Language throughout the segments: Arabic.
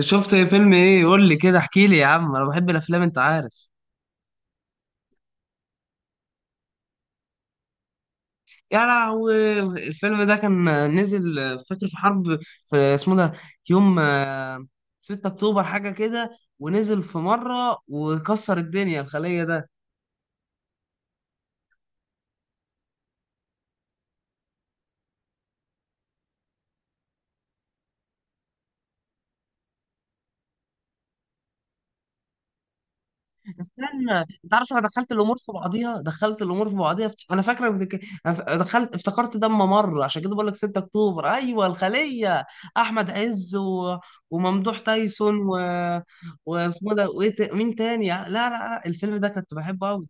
شفت فيلم ايه؟ قول لي كده، احكي لي يا عم. انا بحب الافلام انت عارف. يا لهوي الفيلم ده كان نزل، فاكر في حرب، في اسمه ده، يوم 6 اكتوبر حاجه كده. ونزل في مره وكسر الدنيا، الخليه ده. استنى، انت عارف انا دخلت الامور في بعضيها، انا فاكره دخلت افتكرت ده اما مر، عشان كده بقول لك 6 اكتوبر، ايوه الخليه. احمد عز و... وممدوح تايسون و... واسمه ده، وايه مين تاني؟ لا لا لا، الفيلم ده كنت بحبه قوي.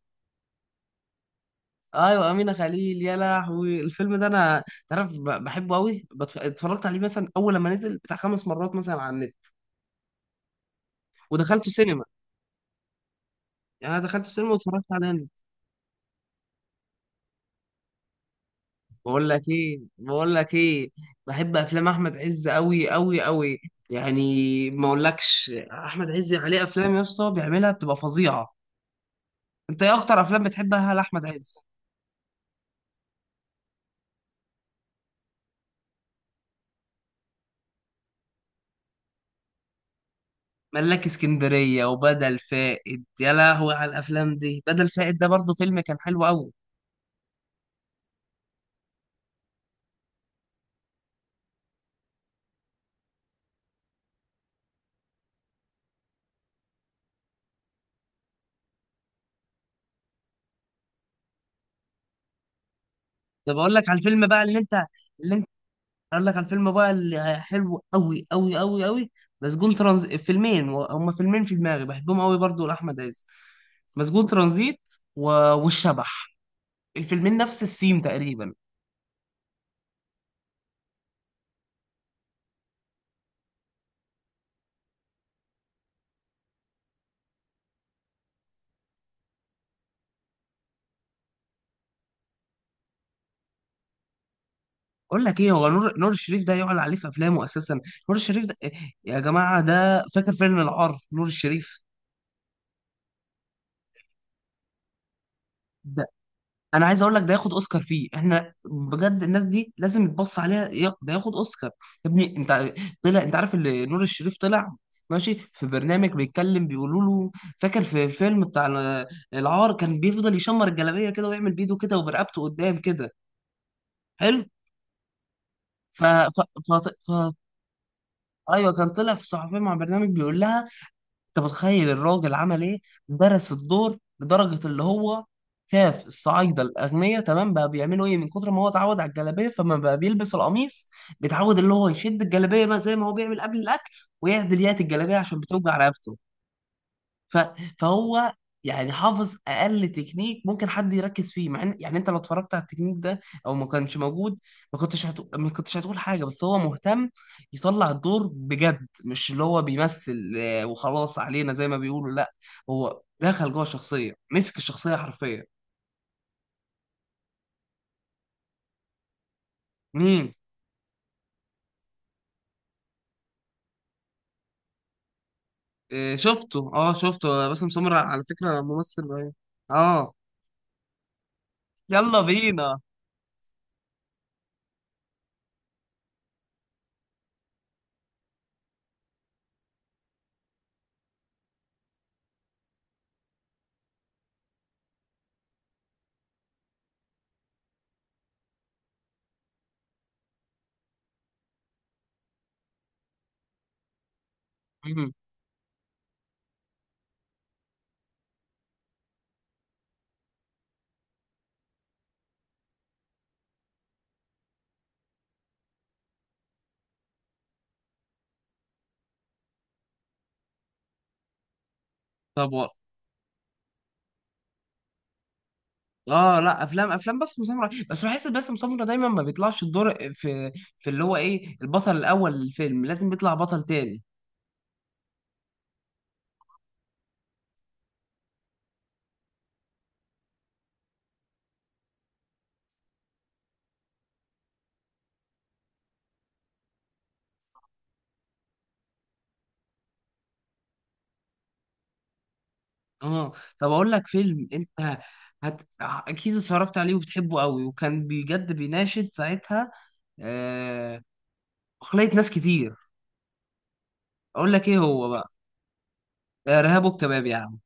ايوه امينه خليل، يا لهوي الفيلم ده انا، تعرف، بحبه قوي. اتفرجت عليه مثلا اول لما نزل بتاع 5 مرات مثلا على النت، ودخلته سينما، يعني انا دخلت السينما واتفرجت عليه. بقول لك ايه. بحب افلام احمد عز قوي قوي قوي، يعني ما اقولكش. احمد عز عليه افلام يا اسطى بيعملها بتبقى فظيعه. انت ايه اكتر افلام بتحبها لاحمد عز؟ ملاك اسكندريه وبدل فاقد، يا لهوي على الافلام دي. بدل فاقد ده برضه فيلم كان حلو قوي. ده بقول لك على الفيلم بقى اللي انت اقول لك على الفيلم بقى حلو قوي قوي قوي قوي. مسجون ترانزيت، هما فيلمين في دماغي بحبهم قوي برضو لاحمد عز. مسجون ترانزيت و... والشبح، الفيلمين نفس السيم تقريبا. اقول لك ايه، هو نور الشريف ده يعلى عليه في افلامه اساسا. نور الشريف ده يا جماعه ده، فاكر فيلم العار نور الشريف؟ انا عايز اقول لك ده ياخد اوسكار فيه، احنا بجد الناس دي لازم يتبص عليها، ده ياخد اوسكار. يا ابني انت، طلع، انت عارف اللي نور الشريف طلع ماشي في برنامج بيتكلم، بيقولوا له فاكر في الفيلم بتاع العار، كان بيفضل يشمر الجلابيه كده ويعمل بايده كده وبرقبته قدام كده. حلو. ف... ف... ف... ف... ايوه كان طلع في صحفيه مع برنامج، بيقول لها انت متخيل الراجل عمل ايه؟ درس الدور لدرجه اللي هو شاف الصعايده الاغنياء تمام بقى بيعملوا ايه، من كتر ما هو اتعود على الجلابيه فما بقى بيلبس القميص، بيتعود اللي هو يشد الجلابيه بقى زي ما هو بيعمل قبل الاكل، ويعدل يات الجلابيه عشان بتوجع رقبته. ف... فهو يعني حافظ اقل تكنيك ممكن حد يركز فيه، مع يعني انت لو اتفرجت على التكنيك ده او ما كانش موجود، ما كنتش هتقول، ما كنتش هتقول حاجه، بس هو مهتم يطلع الدور بجد، مش اللي هو بيمثل وخلاص علينا زي ما بيقولوا، لا، هو دخل جوه الشخصيه، مسك الشخصيه حرفيا. مين؟ آه، شفته، اه شفته، آه، باسم سمرة على فكره ممثل رهيب. اه، يلا بينا. مم. طب، اه، لا، افلام باسم سمرة، بس بحس باسم سمرة دايما ما بيطلعش الدور في في اللي هو ايه، البطل الاول للفيلم، لازم بيطلع بطل تاني. اه. طب اقول لك فيلم انت اكيد اتفرجت عليه وبتحبه قوي، وكان بجد بيناشد ساعتها آه... عقلية ناس كتير. اقول لك ايه هو بقى، ارهاب والكباب يا عم.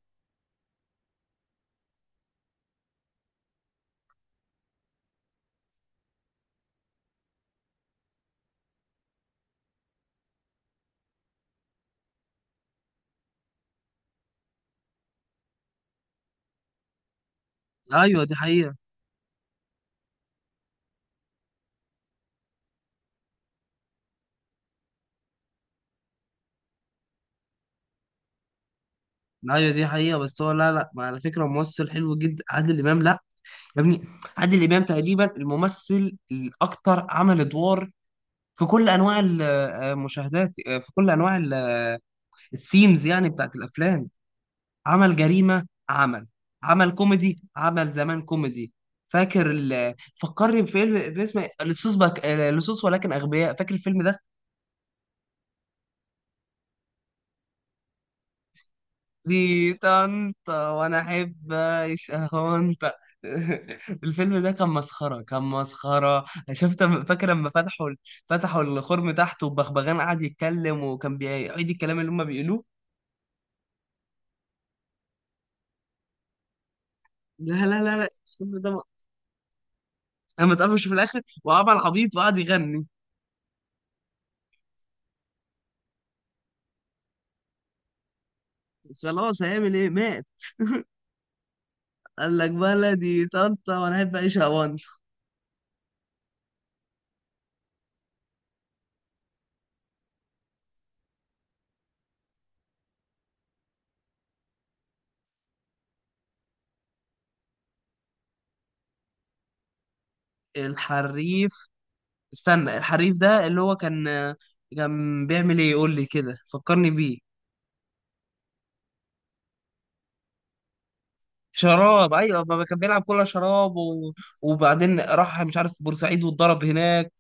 ايوه دي حقيقة. ايوه دي حقيقة، بس هو، لا لا، ما على فكرة ممثل حلو جدا عادل امام، لا. يا ابني، عادل امام تقريبا الممثل الاكتر عمل ادوار في كل انواع المشاهدات، في كل انواع السيمز يعني بتاعت الافلام. عمل جريمه، عمل كوميدي، عمل زمان كوميدي. فاكر فكرني بفيلم في اسم لصوص بك... آه، لصوص ولكن اغبياء، فاكر الفيلم ده؟ دي طنطا وانا احب اعيش اهونت. الفيلم ده كان مسخره، كان مسخره. شفت، فاكر لما فتحوا الخرم تحت والبغبغان قعد يتكلم، وكان بيعيد الكلام اللي هم بيقولوه؟ لا لا لا لا، اما اتقفش في الاخر وعمل عبيط وقعد يغني. خلاص هيعمل ايه، مات. قال لك بلدي طنطا وانا احب اعيشها وان. الحريف. استنى، الحريف ده اللي هو كان، كان بيعمل ايه؟ قول لي كده فكرني بيه. شراب، ايوه بابا، كان بيلعب كلها شراب و... وبعدين راح مش عارف بورسعيد واتضرب هناك.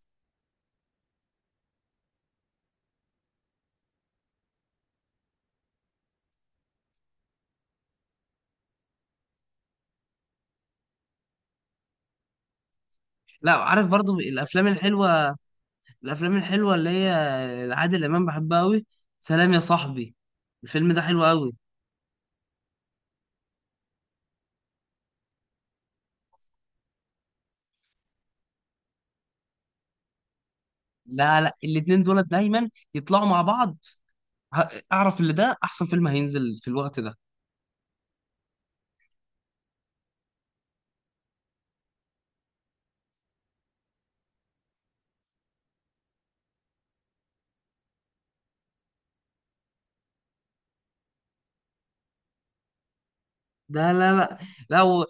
لا، عارف برضو الافلام الحلوه، الافلام الحلوه اللي هي عادل امام بحبها قوي، سلام يا صاحبي، الفيلم ده حلو قوي. لا لا، الاتنين دول دايما يطلعوا مع بعض. اعرف اللي ده احسن فيلم هينزل في الوقت ده. ده لا لا، لو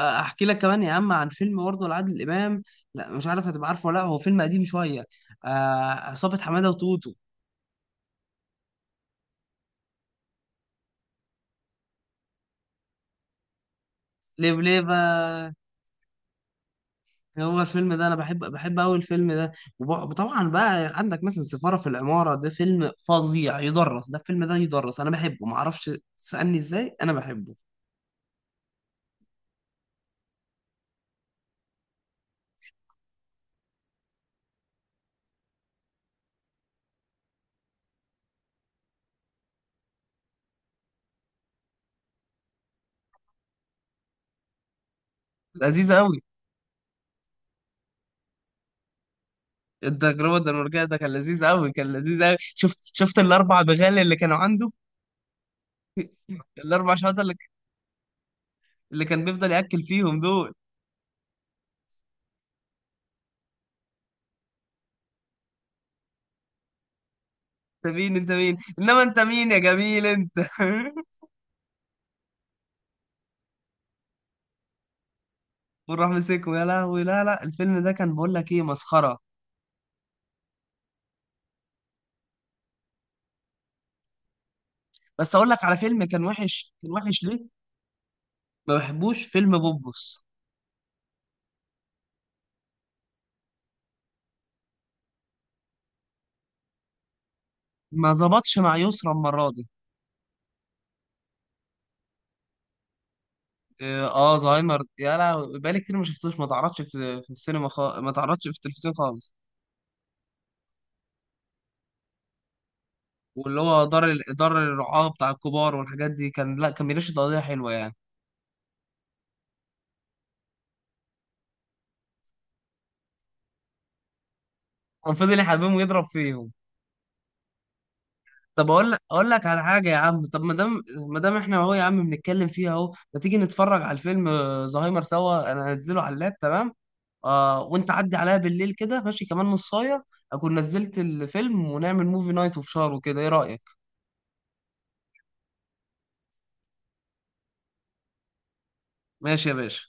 احكي لك كمان يا عم عن فيلم برضه لعادل امام، لا مش عارف هتبقى عارفه ولا لا، هو فيلم قديم شويه، آه، عصابه حماده وتوتو. ليه ليه بقى؟ هو الفيلم ده انا بحب قوي الفيلم ده، وطبعا بقى عندك مثلا سفاره في العماره، ده فيلم فظيع يدرس، ده الفيلم ده يدرس، انا بحبه ما اعرفش، تسالني ازاي انا بحبه. لذيذ قوي. التجربة الدنماركية ده كان لذيذ قوي، كان لذيذ قوي. شفت الأربع بغال اللي كانوا عنده؟ الأربع شهادة اللي كان بيفضل يأكل فيهم دول. أنت مين، أنت مين، إنما أنت مين يا جميل أنت. وراح مسكه، يا لهوي. لا لا، الفيلم ده كان، بقول لك إيه، مسخرة. بس أقول لك على فيلم كان وحش، كان وحش. ليه؟ ما بحبوش فيلم بوبوس، ما ظبطش مع يسرا المرة دي. اه، زهايمر، يا لهوي بقالي كتير ما شفتوش، ما تعرضش في في السينما خالص، ما تعرضش في التلفزيون خالص. واللي هو دار الرعاة بتاع الكبار والحاجات دي، كان لا، كان بيناقش قضايا حلوة يعني. كان فضل يحبهم ويضرب فيهم. طب اقول لك، اقول لك على حاجة يا عم. طب ما دام احنا اهو يا عم بنتكلم فيها اهو، ما تيجي نتفرج على الفيلم زهايمر سوا؟ انا هنزله على اللاب، تمام؟ وانت عدي عليا بالليل كده، ماشي، كمان نصاية اكون نزلت الفيلم، ونعمل موفي نايت اوف شار وكده. ايه رأيك؟ ماشي يا باشا.